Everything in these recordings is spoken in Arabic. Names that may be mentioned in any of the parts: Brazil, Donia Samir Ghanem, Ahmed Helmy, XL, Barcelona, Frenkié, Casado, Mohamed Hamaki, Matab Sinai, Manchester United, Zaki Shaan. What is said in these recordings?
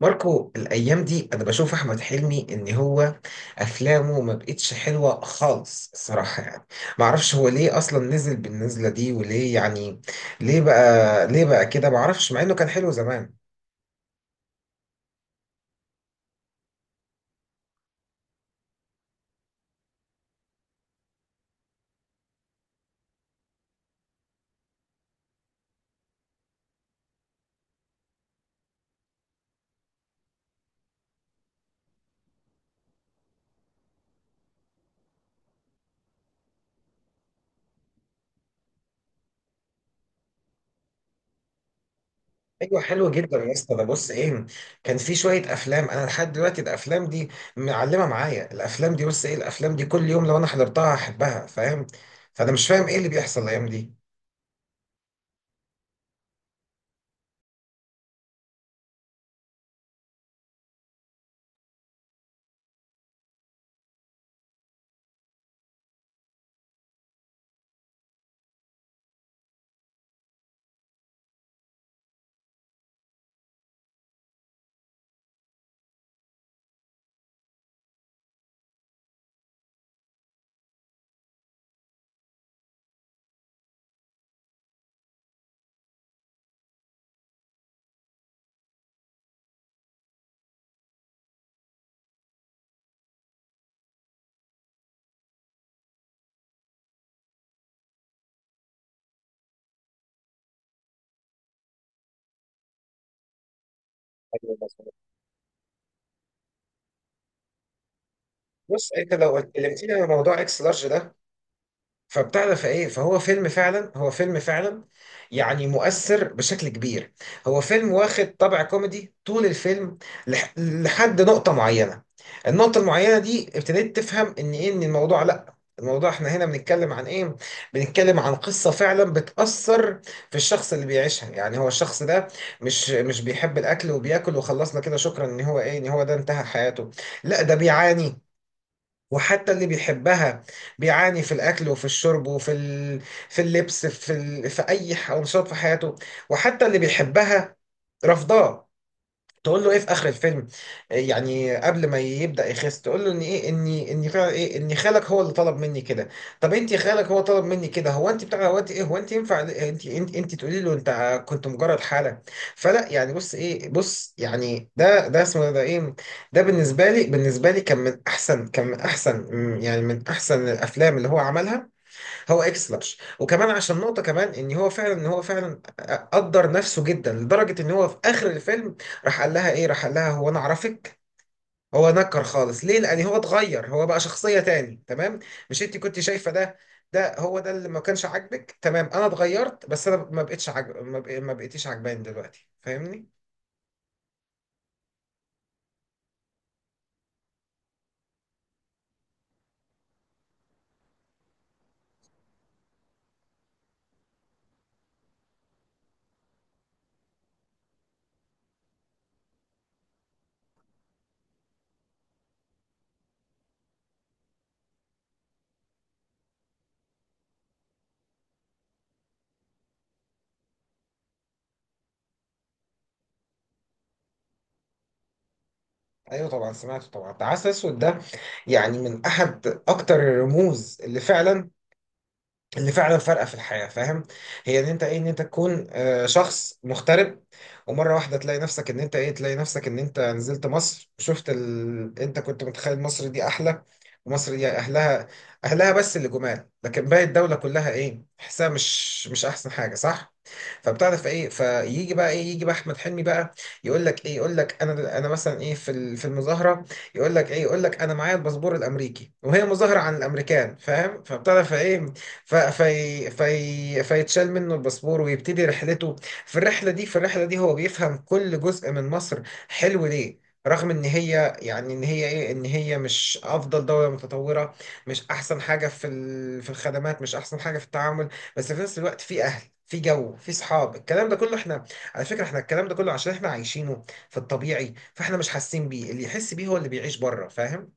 ماركو، الايام دي انا بشوف احمد حلمي ان هو افلامه ما بقتش حلوه خالص الصراحه. ما اعرفش هو ليه اصلا نزل بالنزله دي، وليه ليه بقى كده، ما اعرفش، مع انه كان حلو زمان. ايوه حلو جدا يا اسطى. ده بص ايه، كان في شويه افلام انا لحد دلوقتي الافلام دي معلمه معايا. الافلام دي بص ايه، الافلام دي كل يوم لو انا حضرتها هحبها، فاهم؟ فانا مش فاهم ايه اللي بيحصل الايام دي. أيوة، بس بص، انت لو اتكلمتني عن موضوع اكس لارج ده، فبتاع ده فايه فهو فيلم فعلا، يعني مؤثر بشكل كبير. هو فيلم واخد طابع كوميدي طول الفيلم لحد نقطة معينة. النقطة المعينة دي ابتديت تفهم ان ايه، ان الموضوع، لا، الموضوع احنا هنا بنتكلم عن ايه، بنتكلم عن قصة فعلا بتأثر في الشخص اللي بيعيشها. يعني هو الشخص ده مش بيحب الاكل وبياكل وخلصنا كده، شكرا، ان هو ايه ان هو ده انتهى حياته، لا ده بيعاني. وحتى اللي بيحبها بيعاني في الأكل وفي الشرب وفي ال... في اللبس، في ال... في أي أنشطة في حياته. وحتى اللي بيحبها رفضاه. تقول له ايه في اخر الفيلم، يعني قبل ما يبدا يخس، تقول له ان ايه، اني فعلا ايه، ان خالك هو اللي طلب مني كده. طب انت خالك هو طلب مني كده، هو انت بتاع، هو انت ايه، هو انت ينفع انت تقولي له انت كنت مجرد حاله؟ فلا، يعني بص ايه، بص، يعني ده اسمه ده ايه، ده بالنسبه لي، كان من احسن، يعني من احسن الافلام اللي هو عملها هو اكس لارج. وكمان عشان نقطة كمان، ان هو فعلا قدر نفسه جدا لدرجة ان هو في اخر الفيلم راح قال لها هو انا اعرفك؟ هو نكر خالص. ليه؟ لان هو اتغير، هو بقى شخصية تاني، تمام. مش انت كنت شايفة ده، ده هو ده اللي ما كانش عاجبك؟ تمام، انا اتغيرت بس انا ما بقتش عاجب، ما بقيتيش عجباني دلوقتي، فاهمني؟ ايوه طبعا سمعته طبعا. ده عسل اسود ده يعني من احد اكتر الرموز اللي فعلا، فارقه في الحياه، فاهم؟ هي ان انت ايه، ان انت تكون شخص مغترب، ومره واحده تلاقي نفسك ان انت ايه، تلاقي نفسك ان انت نزلت مصر وشفت ال...، انت كنت متخيل مصر دي احلى. ومصر دي اهلها، بس اللي جمال، لكن باقي الدوله كلها ايه، تحسها مش احسن حاجه، صح؟ فبتعرف ايه، فيجي بقى ايه يجي بقى احمد حلمي بقى، يقول لك ايه، يقول لك انا مثلا ايه، في في المظاهره، يقول لك ايه، يقول لك انا معايا الباسبور الامريكي، وهي مظاهره عن الامريكان، فاهم؟ فبتعرف ايه، في فيتشال منه الباسبور ويبتدي رحلته. في الرحلة دي، هو بيفهم كل جزء من مصر حلو ليه، رغم ان هي، يعني ان هي ايه ان هي مش افضل دولة متطورة، مش احسن حاجة في في الخدمات، مش احسن حاجة في التعامل، بس في نفس الوقت في اهل، في جو، في صحاب، الكلام ده كله احنا على فكرة، احنا الكلام ده كله عشان احنا عايشينه في الطبيعي، فاحنا مش حاسين بيه، اللي يحس بيه هو اللي بيعيش بره، فاهم؟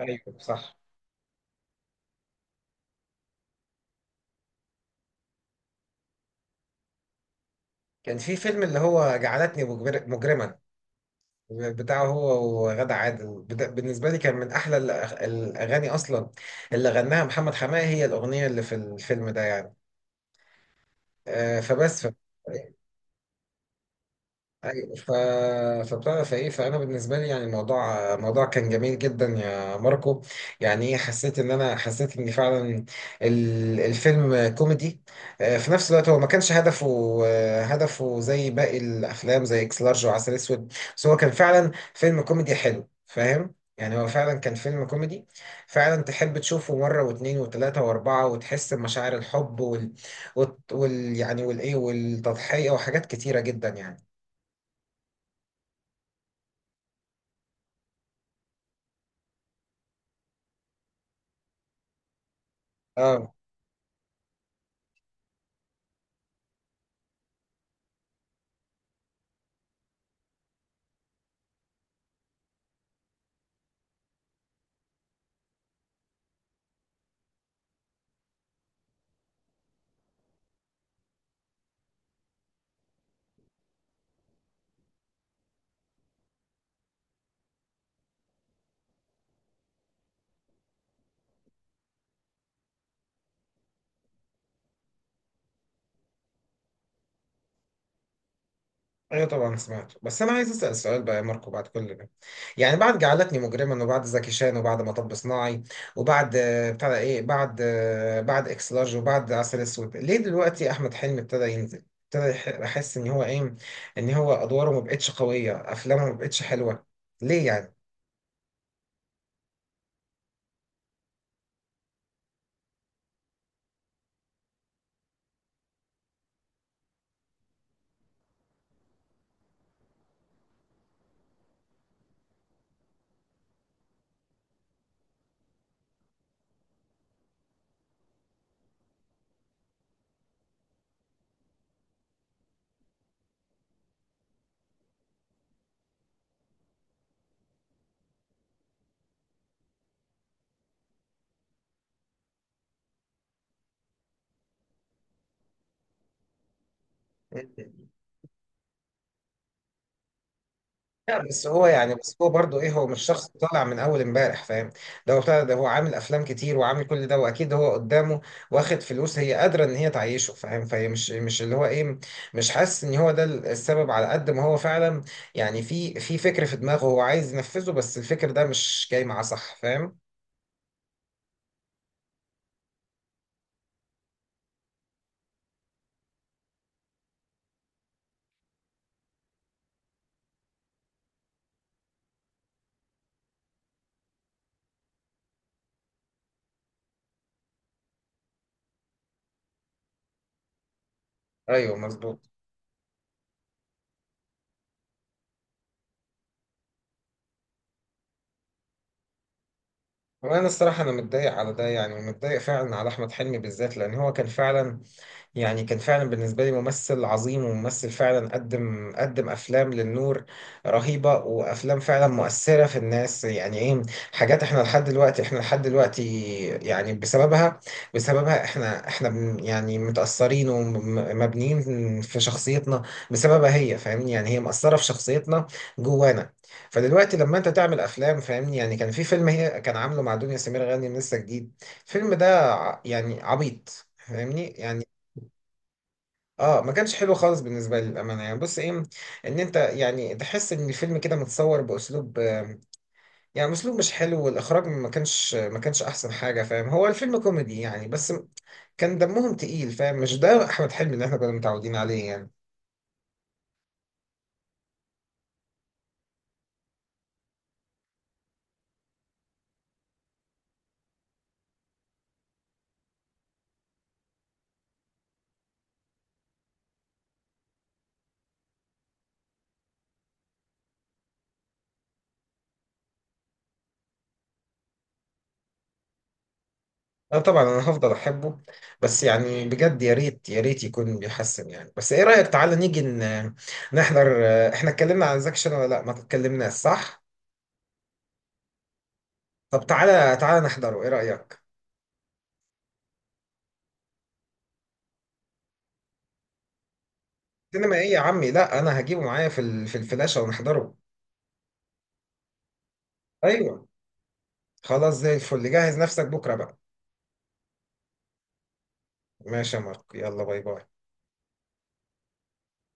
ايوه صح. كان في فيلم اللي هو جعلتني مجرما، بتاعه هو وغادة عادل. بالنسبة لي كان من أحلى الأغاني أصلا اللي غناها محمد حماقي، هي الأغنية اللي في الفيلم ده يعني. فبس. ايوه، فبتعرف ايه، فانا بالنسبه لي يعني الموضوع، كان جميل جدا يا ماركو. يعني ايه، حسيت ان فعلا الفيلم كوميدي، في نفس الوقت هو ما كانش هدفه هدفه زي باقي الافلام زي اكس لارج وعسل اسود، بس هو كان فعلا فيلم كوميدي حلو، فاهم؟ يعني هو فعلا كان فيلم كوميدي فعلا تحب تشوفه مرة واثنين وثلاثة وأربعة، وتحس بمشاعر الحب يعني والإيه والتضحية وحاجات كتيرة جدا يعني. اه ايوه طبعا سمعت، بس انا عايز اسال سؤال بقى يا ماركو بعد كل ده، يعني بعد جعلتني مجرما، وبعد زكي شان، وبعد مطب صناعي، وبعد بتاع ده ايه، بعد اكس لارج، وبعد عسل اسود، ليه دلوقتي احمد حلمي ابتدى ينزل، ابتدى احس ان هو ايه، ان هو ادواره ما بقتش قويه، افلامه ما بقتش حلوه، ليه؟ يعني لا، بس هو يعني، بس هو برضه ايه، هو مش شخص طالع من اول امبارح، فاهم؟ ده هو بتاع ده، هو عامل افلام كتير وعامل كل ده، واكيد هو قدامه واخد فلوس هي قادره ان هي تعيشه، فاهم؟ فهي مش اللي هو ايه، مش حاسس ان هو ده السبب، على قد ما هو فعلا يعني في فكر في دماغه هو عايز ينفذه، بس الفكر ده مش جاي معاه، صح فاهم؟ ايوه مظبوط. وانا الصراحه انا متضايق على ده، يعني متضايق فعلا على احمد حلمي بالذات، لان هو كان فعلا، يعني كان فعلا بالنسبة لي ممثل عظيم، وممثل فعلا قدم أفلام للنور رهيبة، وأفلام فعلا مؤثرة في الناس. يعني إيه، حاجات إحنا لحد دلوقتي، يعني بسببها، يعني متأثرين ومبنيين في شخصيتنا بسببها هي، فاهمني؟ يعني هي مأثرة في شخصيتنا جوانا. فدلوقتي لما أنت تعمل أفلام، فاهمني يعني، كان في فيلم هي كان عامله مع دنيا سمير غانم لسه جديد، الفيلم ده يعني عبيط، فاهمني يعني. اه، ما كانش حلو خالص بالنسبه لي للامانه. يعني بص ايه، ان انت يعني تحس ان الفيلم كده متصور باسلوب يعني اسلوب مش حلو، والاخراج ما كانش احسن حاجه، فاهم؟ هو الفيلم كوميدي يعني بس كان دمهم تقيل، فاهم؟ مش ده احمد حلمي اللي احنا كنا متعودين عليه يعني. اه طبعا انا هفضل احبه، بس يعني بجد يا ريت يا ريت يكون بيحسن يعني. بس ايه رايك، تعالى نيجي نحضر، احنا اتكلمنا عن زكشن ولا لا؟ ما اتكلمناش، صح؟ طب تعالى تعالى نحضره، ايه رايك؟ سينما ايه يا عمي؟ لا انا هجيبه معايا في ال... في الفلاشه ونحضره. ايوه خلاص زي الفل، جهز نفسك بكره بقى. ماشي يا مارك، يلا باي باي.